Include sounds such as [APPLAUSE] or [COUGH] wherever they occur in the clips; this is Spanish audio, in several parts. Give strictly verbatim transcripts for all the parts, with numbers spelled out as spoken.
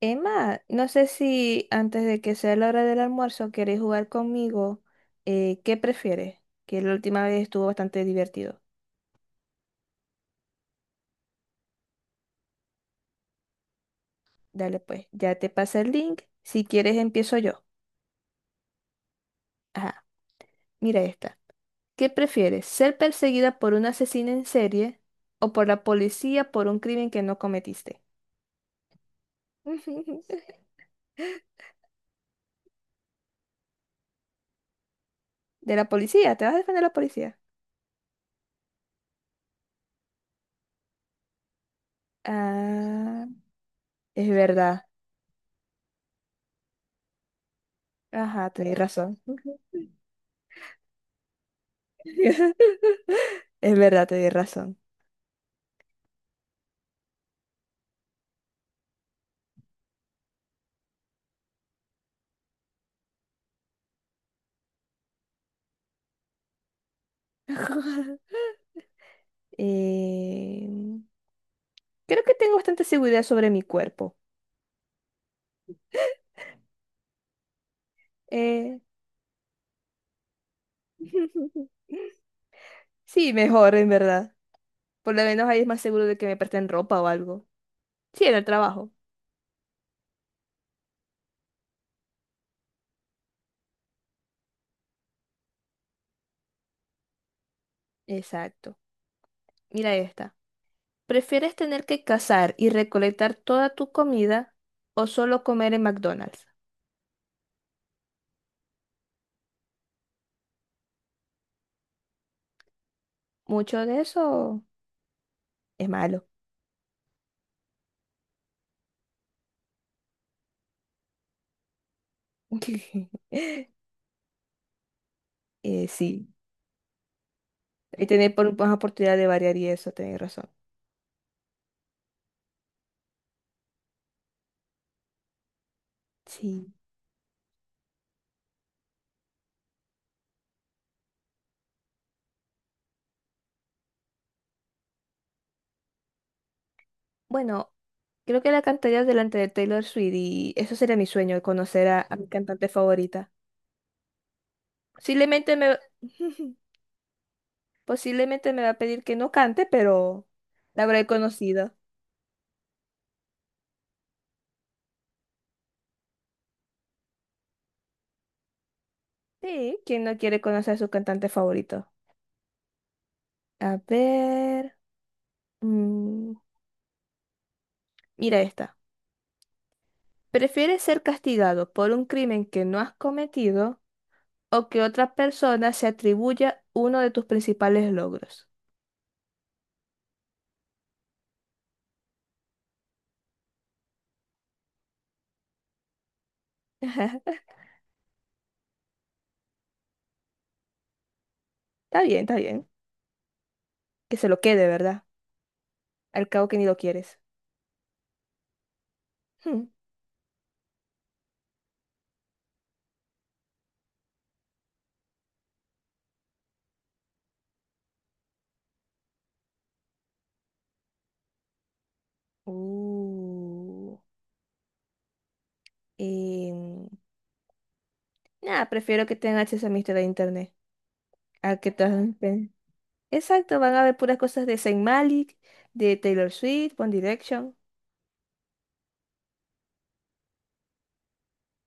Emma, no sé si antes de que sea la hora del almuerzo queréis jugar conmigo. Eh, ¿qué prefieres? Que la última vez estuvo bastante divertido. Dale pues, ya te pasé el link. Si quieres empiezo yo. Ajá, mira esta. ¿Qué prefieres? ¿Ser perseguida por un asesino en serie o por la policía por un crimen que no cometiste? [LAUGHS] De la policía, ¿te vas a defender de la policía? Ah, es verdad. Ajá, tenés razón. [LAUGHS] Es verdad, tenés razón. [LAUGHS] Eh, Creo que tengo bastante seguridad sobre mi cuerpo. Eh, [LAUGHS] sí, mejor, en verdad. Por lo menos ahí es más seguro de que me presten ropa o algo. Sí, en el trabajo. Exacto. Mira esta. ¿Prefieres tener que cazar y recolectar toda tu comida o solo comer en McDonald's? Mucho de eso es malo. [LAUGHS] Eh, sí, y tener por- más oportunidad de variar y eso, tenés razón. Sí. Bueno, creo que la cantaría delante de Taylor Swift y eso sería mi sueño, conocer a, a mi cantante favorita. Posiblemente me, [LAUGHS] posiblemente me va a pedir que no cante, pero la habré conocido. Sí, ¿quién no quiere conocer a su cantante favorito? A ver, mm, mira esta. ¿Prefieres ser castigado por un crimen que no has cometido o que otra persona se atribuya uno de tus principales logros? [LAUGHS] Está bien, está bien. Que se lo quede, ¿verdad? Al cabo que ni lo quieres. Hmm. Uh, em, nah, Prefiero que tengan acceso a mi historia de internet. A que todas las [LAUGHS] ven. Exacto, van a ver puras cosas de Saint Malik, de Taylor Swift, One Direction.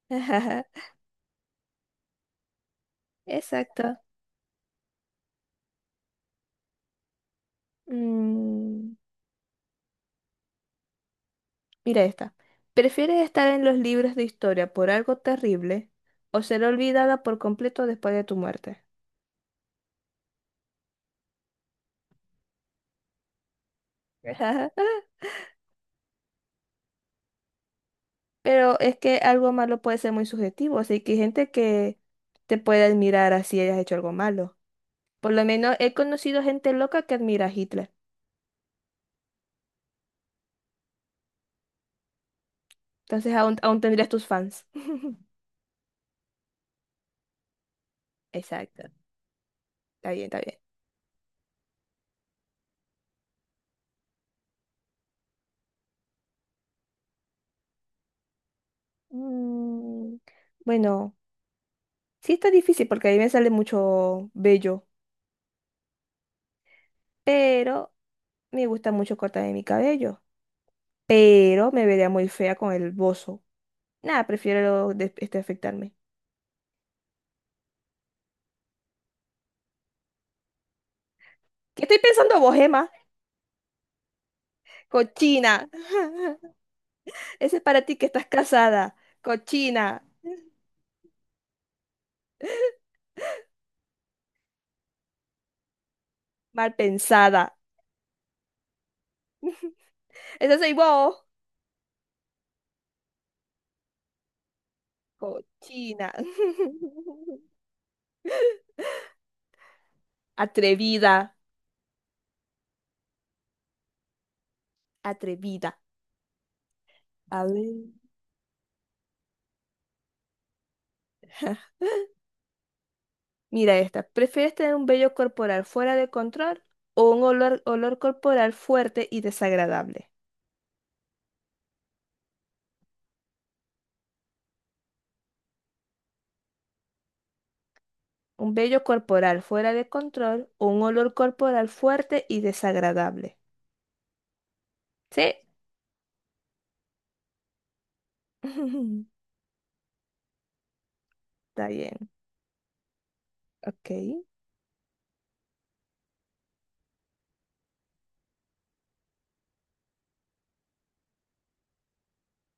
[LAUGHS] Exacto. Mm, mira esta. ¿Prefieres estar en los libros de historia por algo terrible o ser olvidada por completo después de tu muerte? [LAUGHS] Pero es que algo malo puede ser muy subjetivo, así que hay gente que te puede admirar así hayas hecho algo malo. Por lo menos he conocido gente loca que admira a Hitler. Entonces aún, aún tendrías tus fans. Exacto. Está bien, está bien. Mm, bueno, sí está difícil porque a mí me sale mucho bello, pero me gusta mucho cortarme mi cabello. Pero me vería muy fea con el bozo. Nada, prefiero de- este afectarme. ¿Qué estoy pensando vos, Emma? Cochina. [LAUGHS] Ese es para ti que estás casada, cochina, mal pensada. [LAUGHS] Ese soy vos, cochina. [LAUGHS] Atrevida, atrevida. A ver. Mira esta. ¿Prefieres tener un vello corporal fuera de control o un olor, olor corporal fuerte y desagradable? Un vello corporal fuera de control o un olor corporal fuerte y desagradable. ¿Sí? [LAUGHS] Está bien. Ok.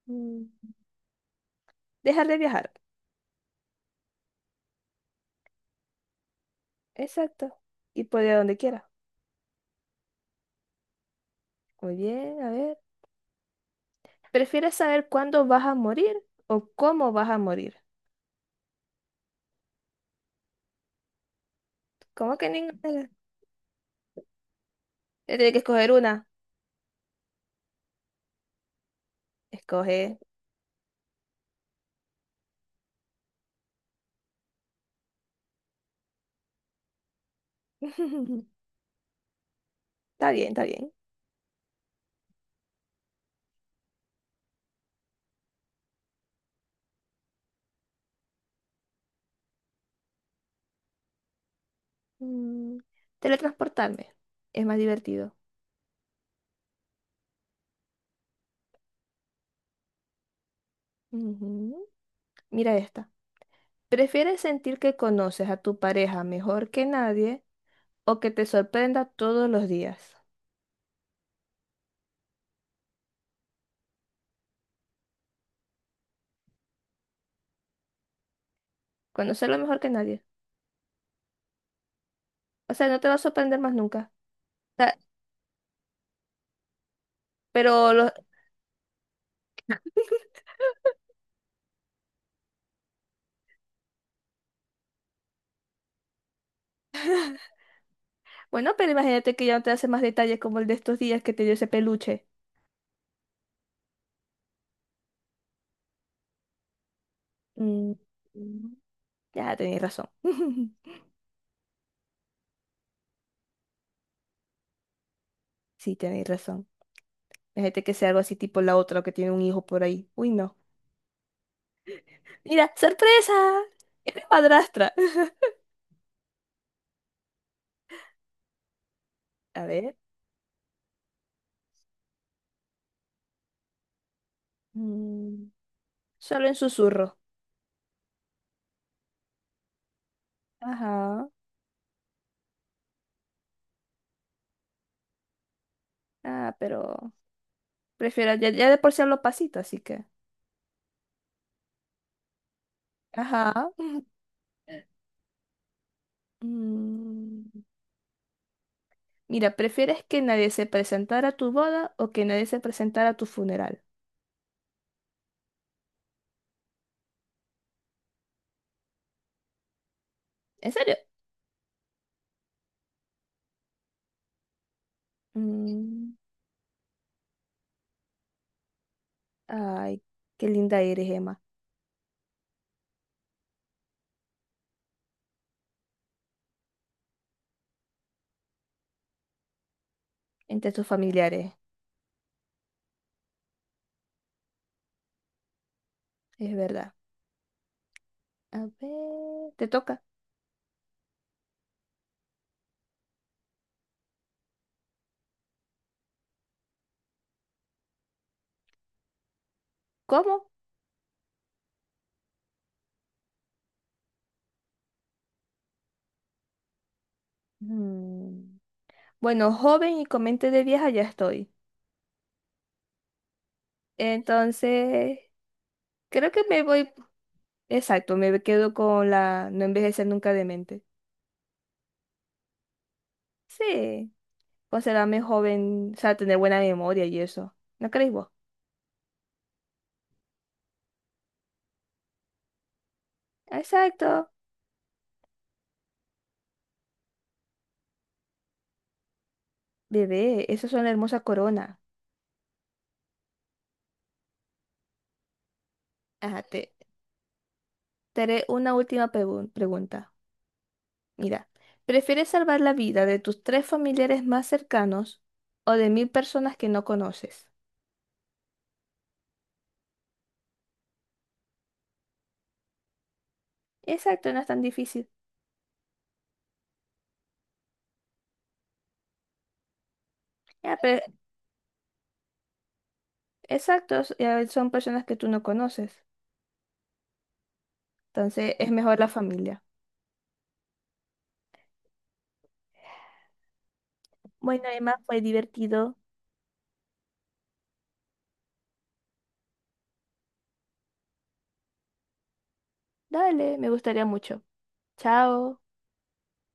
Mm. Dejar de viajar. Exacto. Y puede ir a donde quiera. Muy bien, a ver. ¿Prefieres saber cuándo vas a morir o cómo vas a morir? ¿Cómo que ninguna? Eh, Tienes que escoger una. Escoge. [LAUGHS] Está bien, está bien. Mm, teletransportarme. Es más divertido. Ujú. Mira esta. ¿Prefieres sentir que conoces a tu pareja mejor que nadie o que te sorprenda todos los días? Conocerlo mejor que nadie. O sea, no te va a sorprender más nunca. O sea, pero bueno, pero imagínate que ya no te hace más detalles como el de estos días que te dio ese peluche. Mm, mm, ya tenéis razón. [LAUGHS] Sí, tenéis razón. Imagínate que sea algo así tipo la otra que tiene un hijo por ahí. Uy, no. Mira, sorpresa. Es mi madrastra. [LAUGHS] A ver. Mm, solo en susurro. Ajá. Ah, pero prefiero ya, ya de por sí los pasitos, así que. Ajá. [LAUGHS] Mm, mira, ¿prefieres que nadie se presentara a tu boda o que nadie se presentara a tu funeral? ¿En serio? Mm, ay, qué linda eres, Emma. Entre tus familiares, es verdad. A ver, te toca. ¿Cómo? Mm, bueno, joven y con mente de vieja ya estoy. Entonces, creo que me voy, exacto, me quedo con la no envejecer nunca de mente. Sí, considerarme joven, o sea, tener buena memoria y eso. ¿No creéis vos? Exacto. Bebé, eso es una hermosa corona. Ajá, te, te haré una última pregun- pregunta. Mira, ¿prefieres salvar la vida de tus tres familiares más cercanos o de mil personas que no conoces? Exacto, no es tan difícil. Ya, pero exactos eh, son personas que tú no conoces. Entonces es mejor la familia. Bueno, Emma, fue divertido. Dale, me gustaría mucho. Chao.